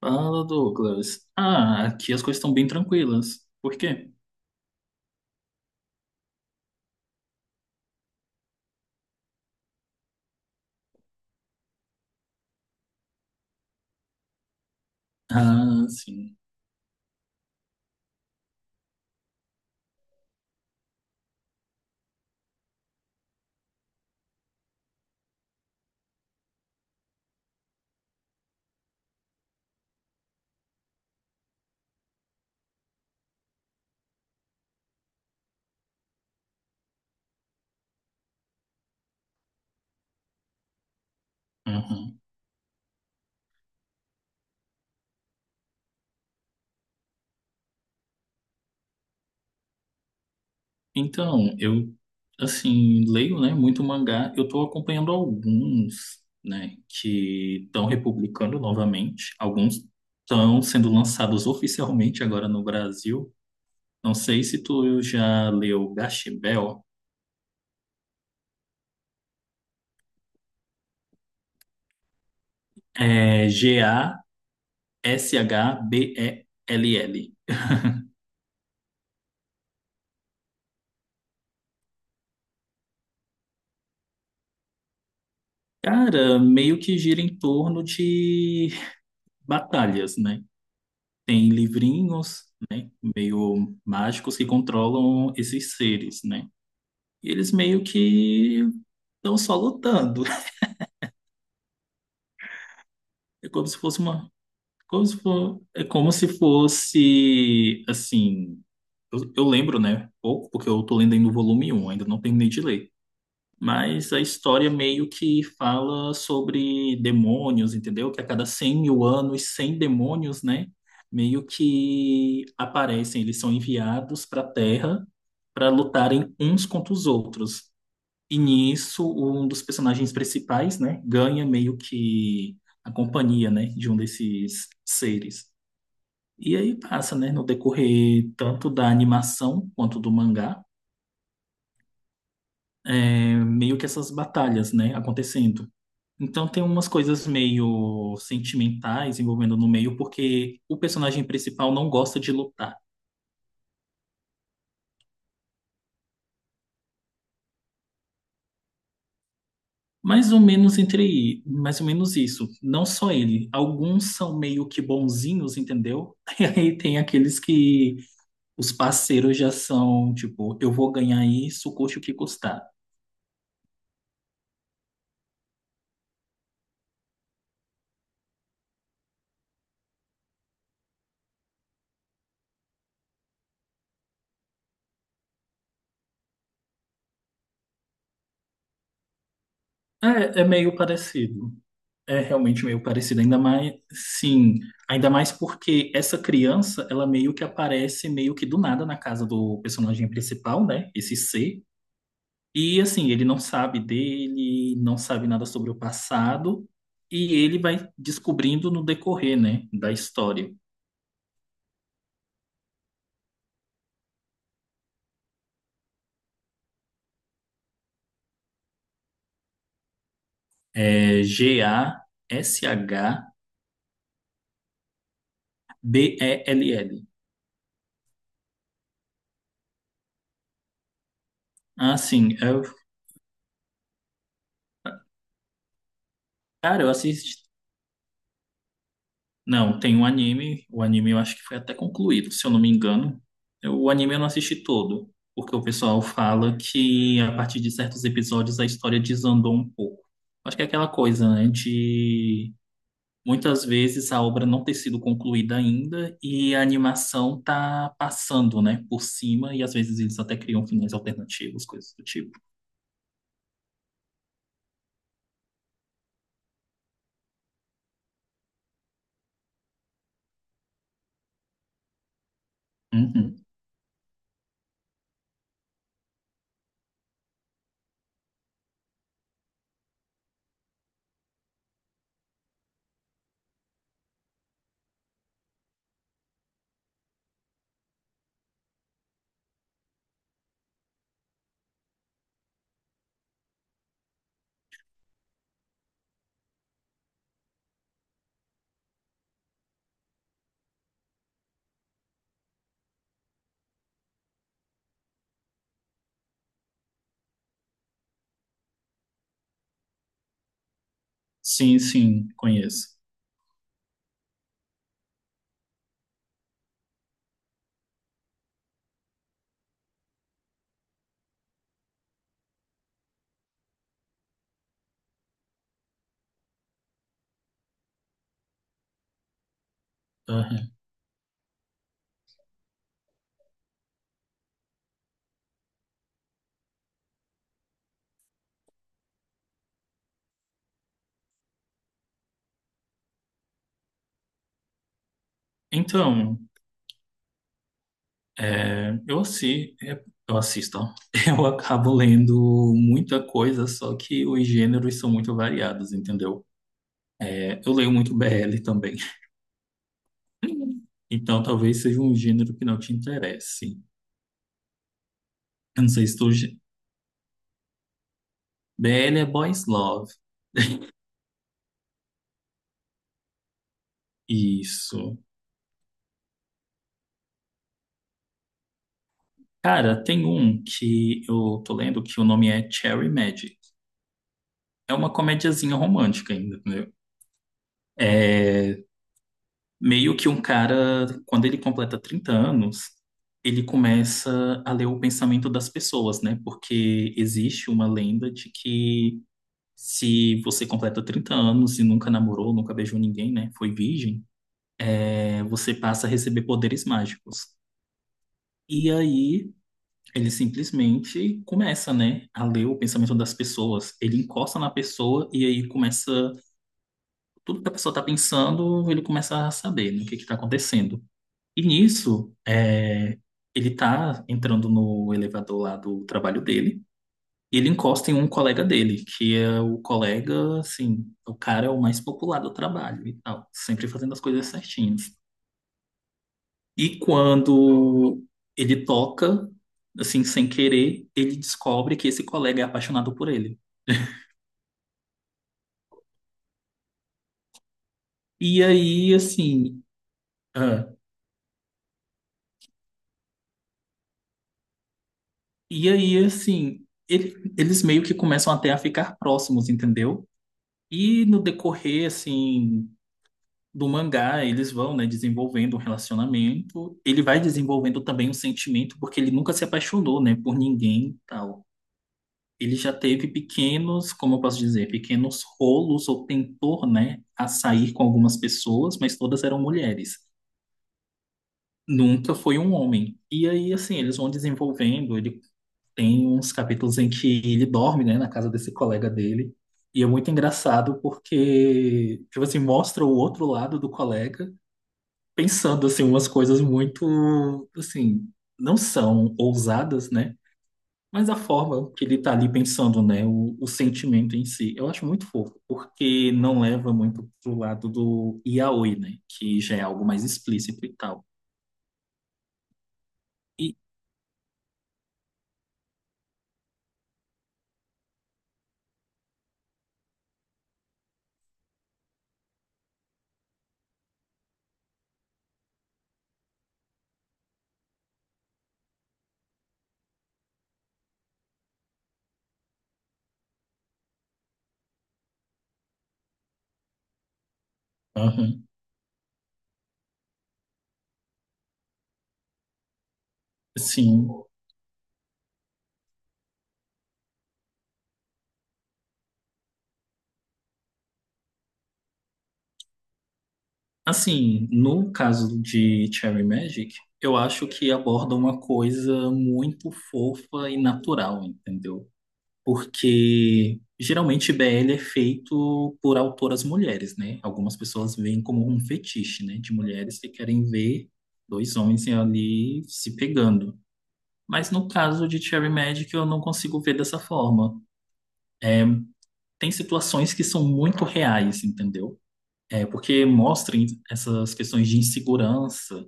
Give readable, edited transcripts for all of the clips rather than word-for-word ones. Fala, Douglas. Ah, aqui as coisas estão bem tranquilas. Por quê? Ah, sim. Uhum. Então, eu, assim, leio, né, muito mangá. Eu tô acompanhando alguns, né, que estão republicando novamente. Alguns estão sendo lançados oficialmente agora no Brasil. Não sei se tu já leu Gash. É Gashbell. Cara, meio que gira em torno de batalhas, né? Tem livrinhos, né, meio mágicos que controlam esses seres, né? E eles meio que estão só lutando. É como se fosse uma, como se for, é como se fosse assim, eu lembro, né, pouco, porque eu tô lendo ainda o volume 1, ainda não terminei de ler. Mas a história meio que fala sobre demônios, entendeu? Que a cada 100 mil anos, 100 demônios, né? Meio que aparecem, eles são enviados para a Terra para lutarem uns contra os outros. E nisso, um dos personagens principais, né, ganha meio que a companhia, né, de um desses seres. E aí passa, né, no decorrer tanto da animação quanto do mangá, é, meio que essas batalhas, né, acontecendo. Então tem umas coisas meio sentimentais envolvendo no meio, porque o personagem principal não gosta de lutar. Mais ou menos isso. Não só ele. Alguns são meio que bonzinhos, entendeu? E aí tem aqueles que os parceiros já são, tipo, eu vou ganhar isso, custe o que custar. É, é meio parecido. É realmente meio parecido, ainda mais, sim, ainda mais porque essa criança, ela meio que aparece meio que do nada na casa do personagem principal, né? Esse C. E assim, ele não sabe dele, não sabe nada sobre o passado, e ele vai descobrindo no decorrer, né, da história. É Gashbell. Assim, eu, cara, eu assisti. Não, tem um anime. O anime eu acho que foi até concluído, se eu não me engano. O anime eu não assisti todo, porque o pessoal fala que a partir de certos episódios a história desandou um pouco. Acho que é aquela coisa, né, de muitas vezes a obra não ter sido concluída ainda e a animação tá passando, né, por cima e às vezes eles até criam finais alternativos, coisas do tipo. Uhum. Sim, sim, conheço. Aham. Então. É, eu, assi, é, eu assisto, ó. Eu acabo lendo muita coisa, só que os gêneros são muito variados, entendeu? É, eu leio muito BL também. Então talvez seja um gênero que não te interesse. Eu não sei se tu. BL é Boys Love. Isso. Cara, tem um que eu tô lendo que o nome é Cherry Magic. É uma comediazinha romântica ainda, entendeu? É, meio que um cara, quando ele completa 30 anos, ele começa a ler o pensamento das pessoas, né? Porque existe uma lenda de que se você completa 30 anos e nunca namorou, nunca beijou ninguém, né? Foi virgem, é, você passa a receber poderes mágicos. E aí ele simplesmente começa, né, a ler o pensamento das pessoas. Ele encosta na pessoa e aí começa tudo que a pessoa tá pensando, ele começa a saber, né, o que que tá acontecendo. E nisso, é, ele tá entrando no elevador lá do trabalho dele, e ele encosta em um colega dele, que é o colega, assim, o cara é o mais popular do trabalho e tal, sempre fazendo as coisas certinhas. E quando ele toca, assim, sem querer, ele descobre que esse colega é apaixonado por ele. E aí, assim, ah, eles meio que começam até a ficar próximos, entendeu? E no decorrer, assim, do mangá, eles vão, né, desenvolvendo um relacionamento. Ele vai desenvolvendo também um sentimento, porque ele nunca se apaixonou, né, por ninguém e tal. Ele já teve pequenos, como eu posso dizer, pequenos rolos ou tentou, né, a sair com algumas pessoas, mas todas eram mulheres. Nunca foi um homem. E aí, assim, eles vão desenvolvendo. Ele tem uns capítulos em que ele dorme, né, na casa desse colega dele. E é muito engraçado porque, tipo assim, mostra o outro lado do colega pensando assim umas coisas muito assim, não são ousadas, né? Mas a forma que ele tá ali pensando, né, o sentimento em si, eu acho muito fofo, porque não leva muito pro lado do yaoi, né, que já é algo mais explícito e tal. E aham, sim, assim, no caso de Cherry Magic, eu acho que aborda uma coisa muito fofa e natural, entendeu? Porque geralmente BL é feito por autoras mulheres, né? Algumas pessoas veem como um fetiche, né? De mulheres que querem ver dois homens ali se pegando. Mas no caso de Cherry Magic, eu não consigo ver dessa forma. É, tem situações que são muito reais, entendeu? É, porque mostram essas questões de insegurança,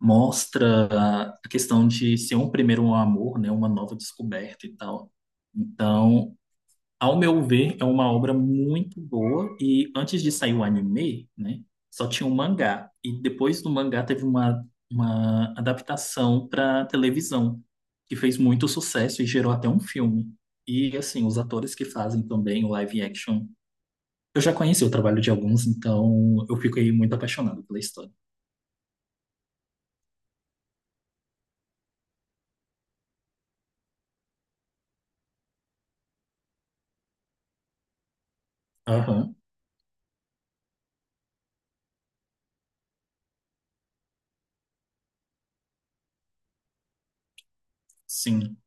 mostra a questão de ser um primeiro amor, né? Uma nova descoberta e tal. Então, ao meu ver, é uma obra muito boa e antes de sair o anime, né, só tinha o mangá e depois do mangá teve uma, adaptação para televisão que fez muito sucesso e gerou até um filme. E assim, os atores que fazem também o live action, eu já conheci o trabalho de alguns, então eu fico aí muito apaixonado pela história. Aham, sim,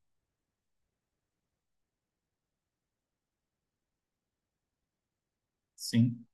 sim,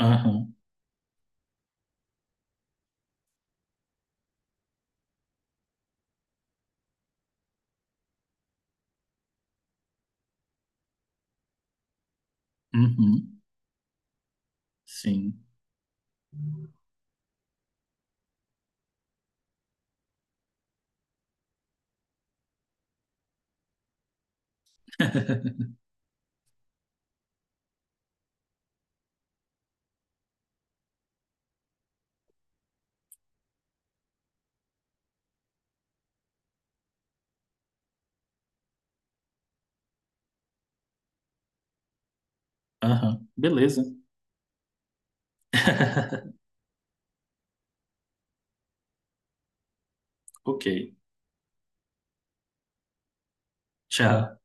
aham, uhum, sim, aham, beleza, ok, tchau.